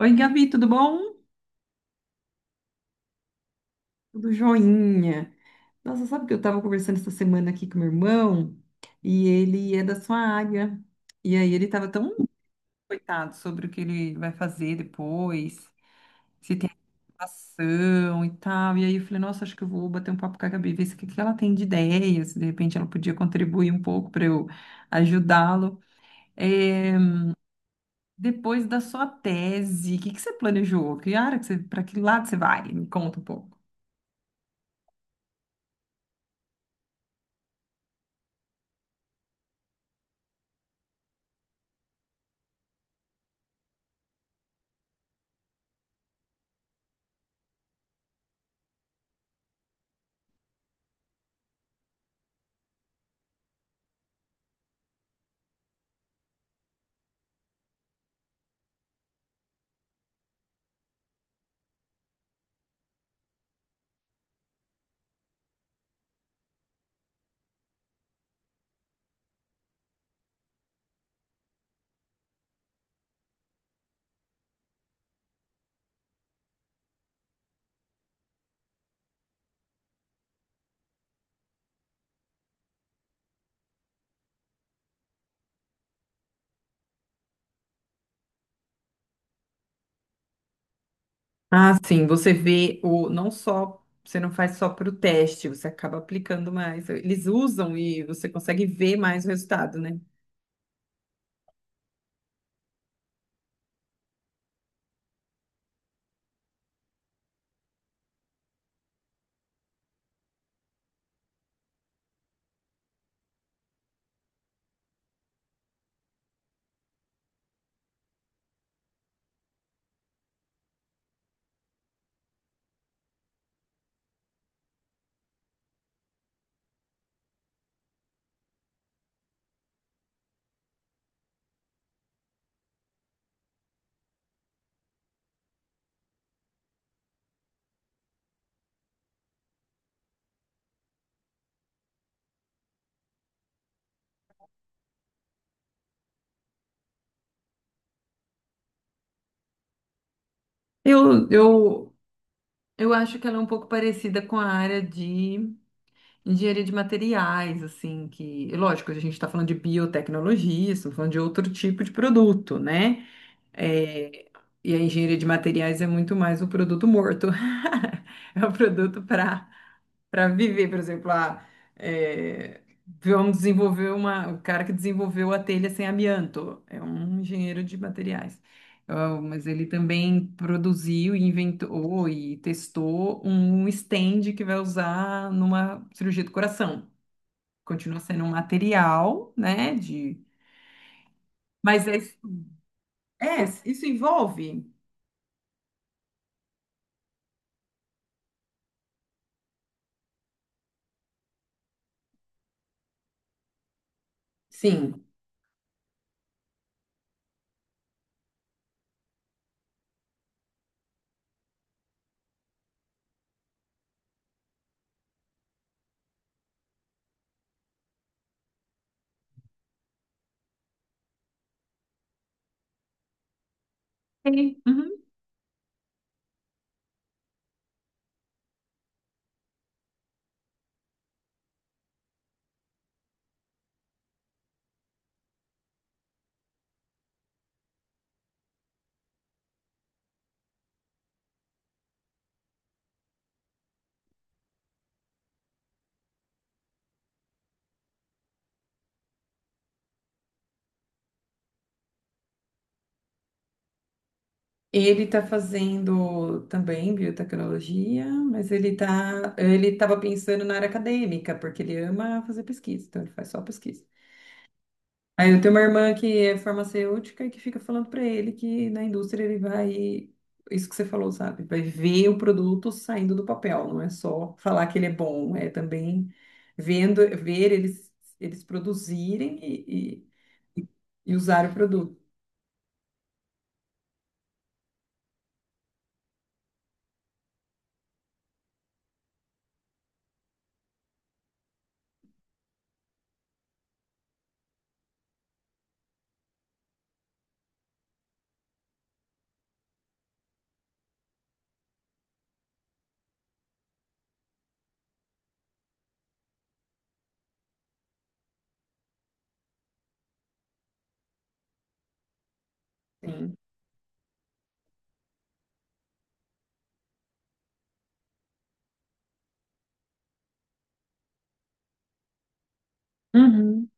Oi, Gabi, tudo bom? Tudo joinha. Nossa, sabe que eu estava conversando essa semana aqui com meu irmão e ele é da sua área. E aí ele estava tão coitado sobre o que ele vai fazer depois, se tem ação e tal. E aí eu falei, nossa, acho que eu vou bater um papo com a Gabi, ver se o que que ela tem de ideias, se de repente ela podia contribuir um pouco para eu ajudá-lo. Eh, Depois da sua tese, o que que você planejou? Que área que você, para que lado você vai? Me conta um pouco. Ah, sim, você vê o não só você não faz só para o teste, você acaba aplicando mais. Eles usam e você consegue ver mais o resultado, né? Eu, eu, eu acho que ela é um pouco parecida com a área de engenharia de materiais, assim, que, lógico, a gente está falando de biotecnologia, estamos falando de outro tipo de produto, né? É, e a engenharia de materiais é muito mais o produto morto. É o produto para viver, por exemplo, a, é, vamos desenvolver uma, o cara que desenvolveu a telha sem amianto, é um engenheiro de materiais. Ah, mas ele também produziu e inventou e testou um stand que vai usar numa cirurgia do coração. Continua sendo um material, né? De... Mas é, isso envolve? Sim. Sim. Uhum. Ele está fazendo também biotecnologia, mas ele tá, ele estava pensando na área acadêmica, porque ele ama fazer pesquisa, então ele faz só pesquisa. Aí eu tenho uma irmã que é farmacêutica e que fica falando para ele que na indústria ele vai, isso que você falou, sabe? Vai ver o produto saindo do papel, não é só falar que ele é bom, é também vendo, ver eles, eles produzirem e, e usar o produto. Sim. Uhum.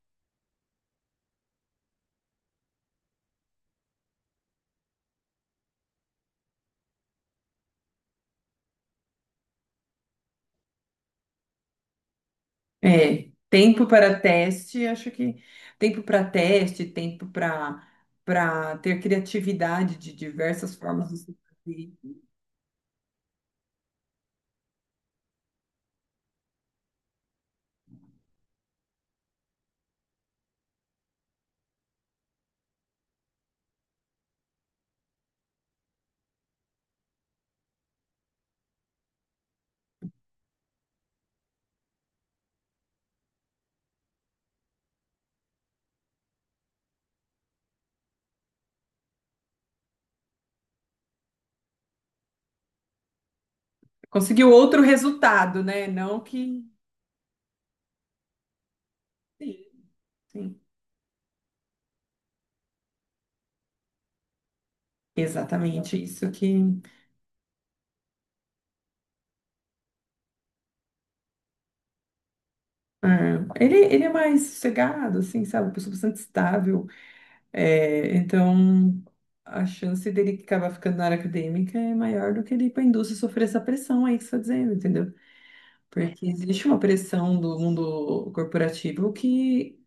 É, tempo para teste, acho que tempo para teste, tempo para ter criatividade de diversas formas de se fazer. Conseguiu outro resultado, né? Não que. Sim, sim. Exatamente isso que. É, ele é mais sossegado, assim, sabe? Uma pessoa bastante estável. É, então, a chance dele acabar ficando na área acadêmica é maior do que ele ir para a indústria e sofrer essa pressão aí que você está dizendo, entendeu? Porque existe uma pressão do mundo corporativo que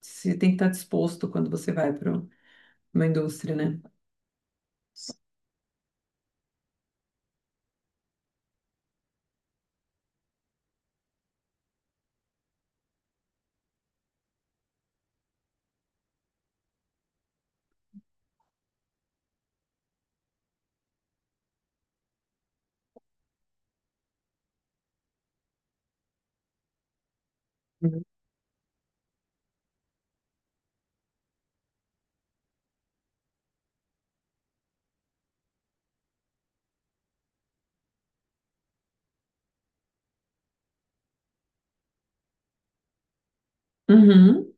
você tem que estar disposto quando você vai para uma indústria, né? Uhum. Uhum.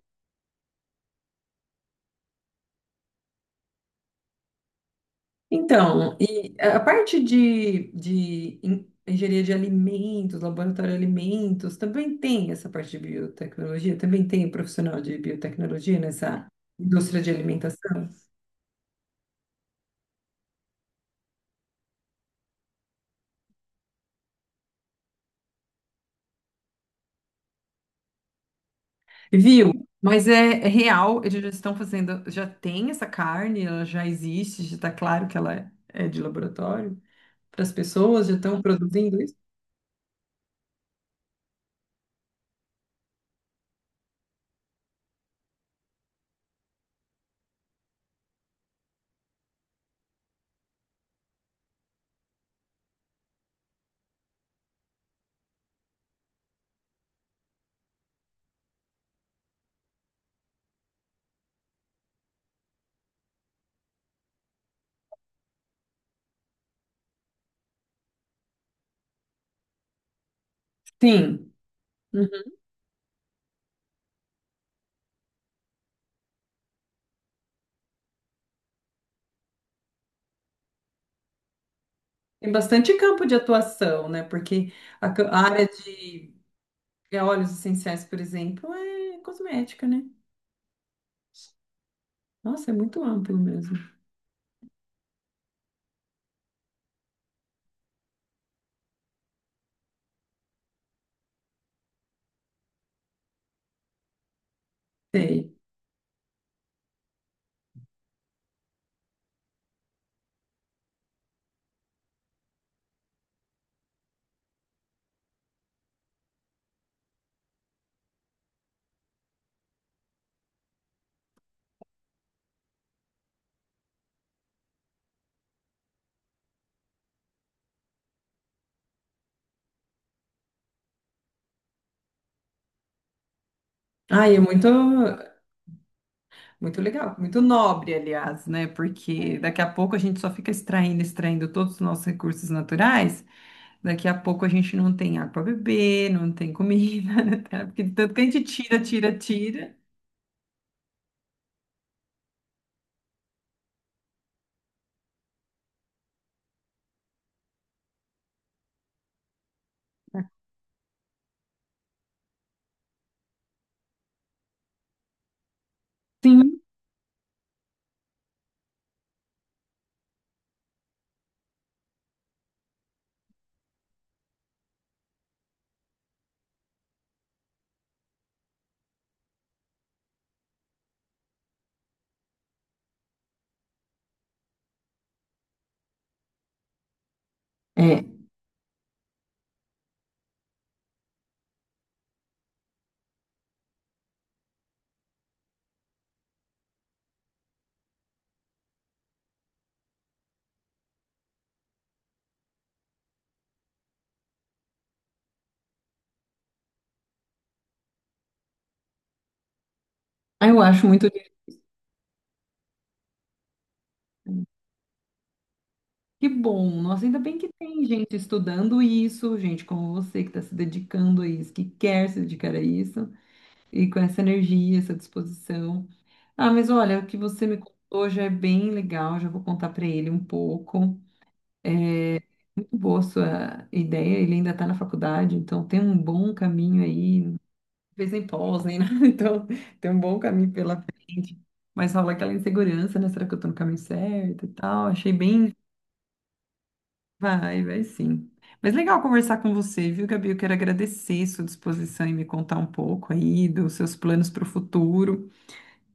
Então, e a parte de en- engenharia de alimentos, laboratório de alimentos, também tem essa parte de biotecnologia? Também tem profissional de biotecnologia nessa indústria de alimentação? Viu? Mas é real, eles já estão fazendo, já tem essa carne, ela já existe, já está claro que ela é de laboratório para as pessoas, já estão produzindo isso? Sim. Uhum. Tem bastante campo de atuação, né? Porque a, ca- a área de é, óleos essenciais, por exemplo, é cosmética, né? Nossa, é muito amplo mesmo. Sei. Ai, muito legal, muito nobre, aliás, né? Porque daqui a pouco a gente só fica extraindo, extraindo todos os nossos recursos naturais. Daqui a pouco a gente não tem água para beber, não tem comida, né? Porque de tanto que a gente tira, tira, tira. Sim, é. Ah, eu acho muito lindo. Que bom. Nossa, ainda bem que tem gente estudando isso, gente como você que está se dedicando a isso, que quer se dedicar a isso, e com essa energia, essa disposição. Ah, mas olha, o que você me contou já é bem legal, já vou contar para ele um pouco. É muito boa a sua ideia, ele ainda está na faculdade, então tem um bom caminho aí, fez nem pós, nem nada, então tem um bom caminho pela frente. Mas rola aquela insegurança, né? Será que eu tô no caminho certo e tal? Achei bem. Vai, vai sim. Mas legal conversar com você, viu, Gabi? Eu quero agradecer sua disposição em me contar um pouco aí dos seus planos para o futuro.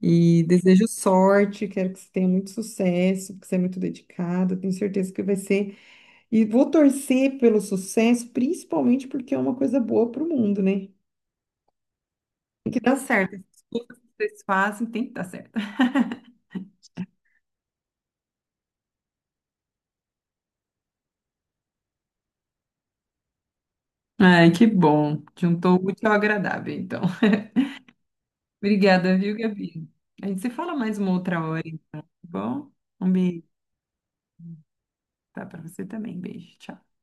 E desejo sorte, quero que você tenha muito sucesso, porque você é muito dedicado tenho certeza que vai ser. E vou torcer pelo sucesso, principalmente porque é uma coisa boa para o mundo, né? Tem que dar certo. As coisas que vocês fazem tem que dar certo. Ai, que bom. Juntou o útil ao agradável, então. Obrigada, viu, Gabi? A gente se fala mais uma outra hora, então, tá bom? Um beijo, tá? Pra você também. Beijo, tchau.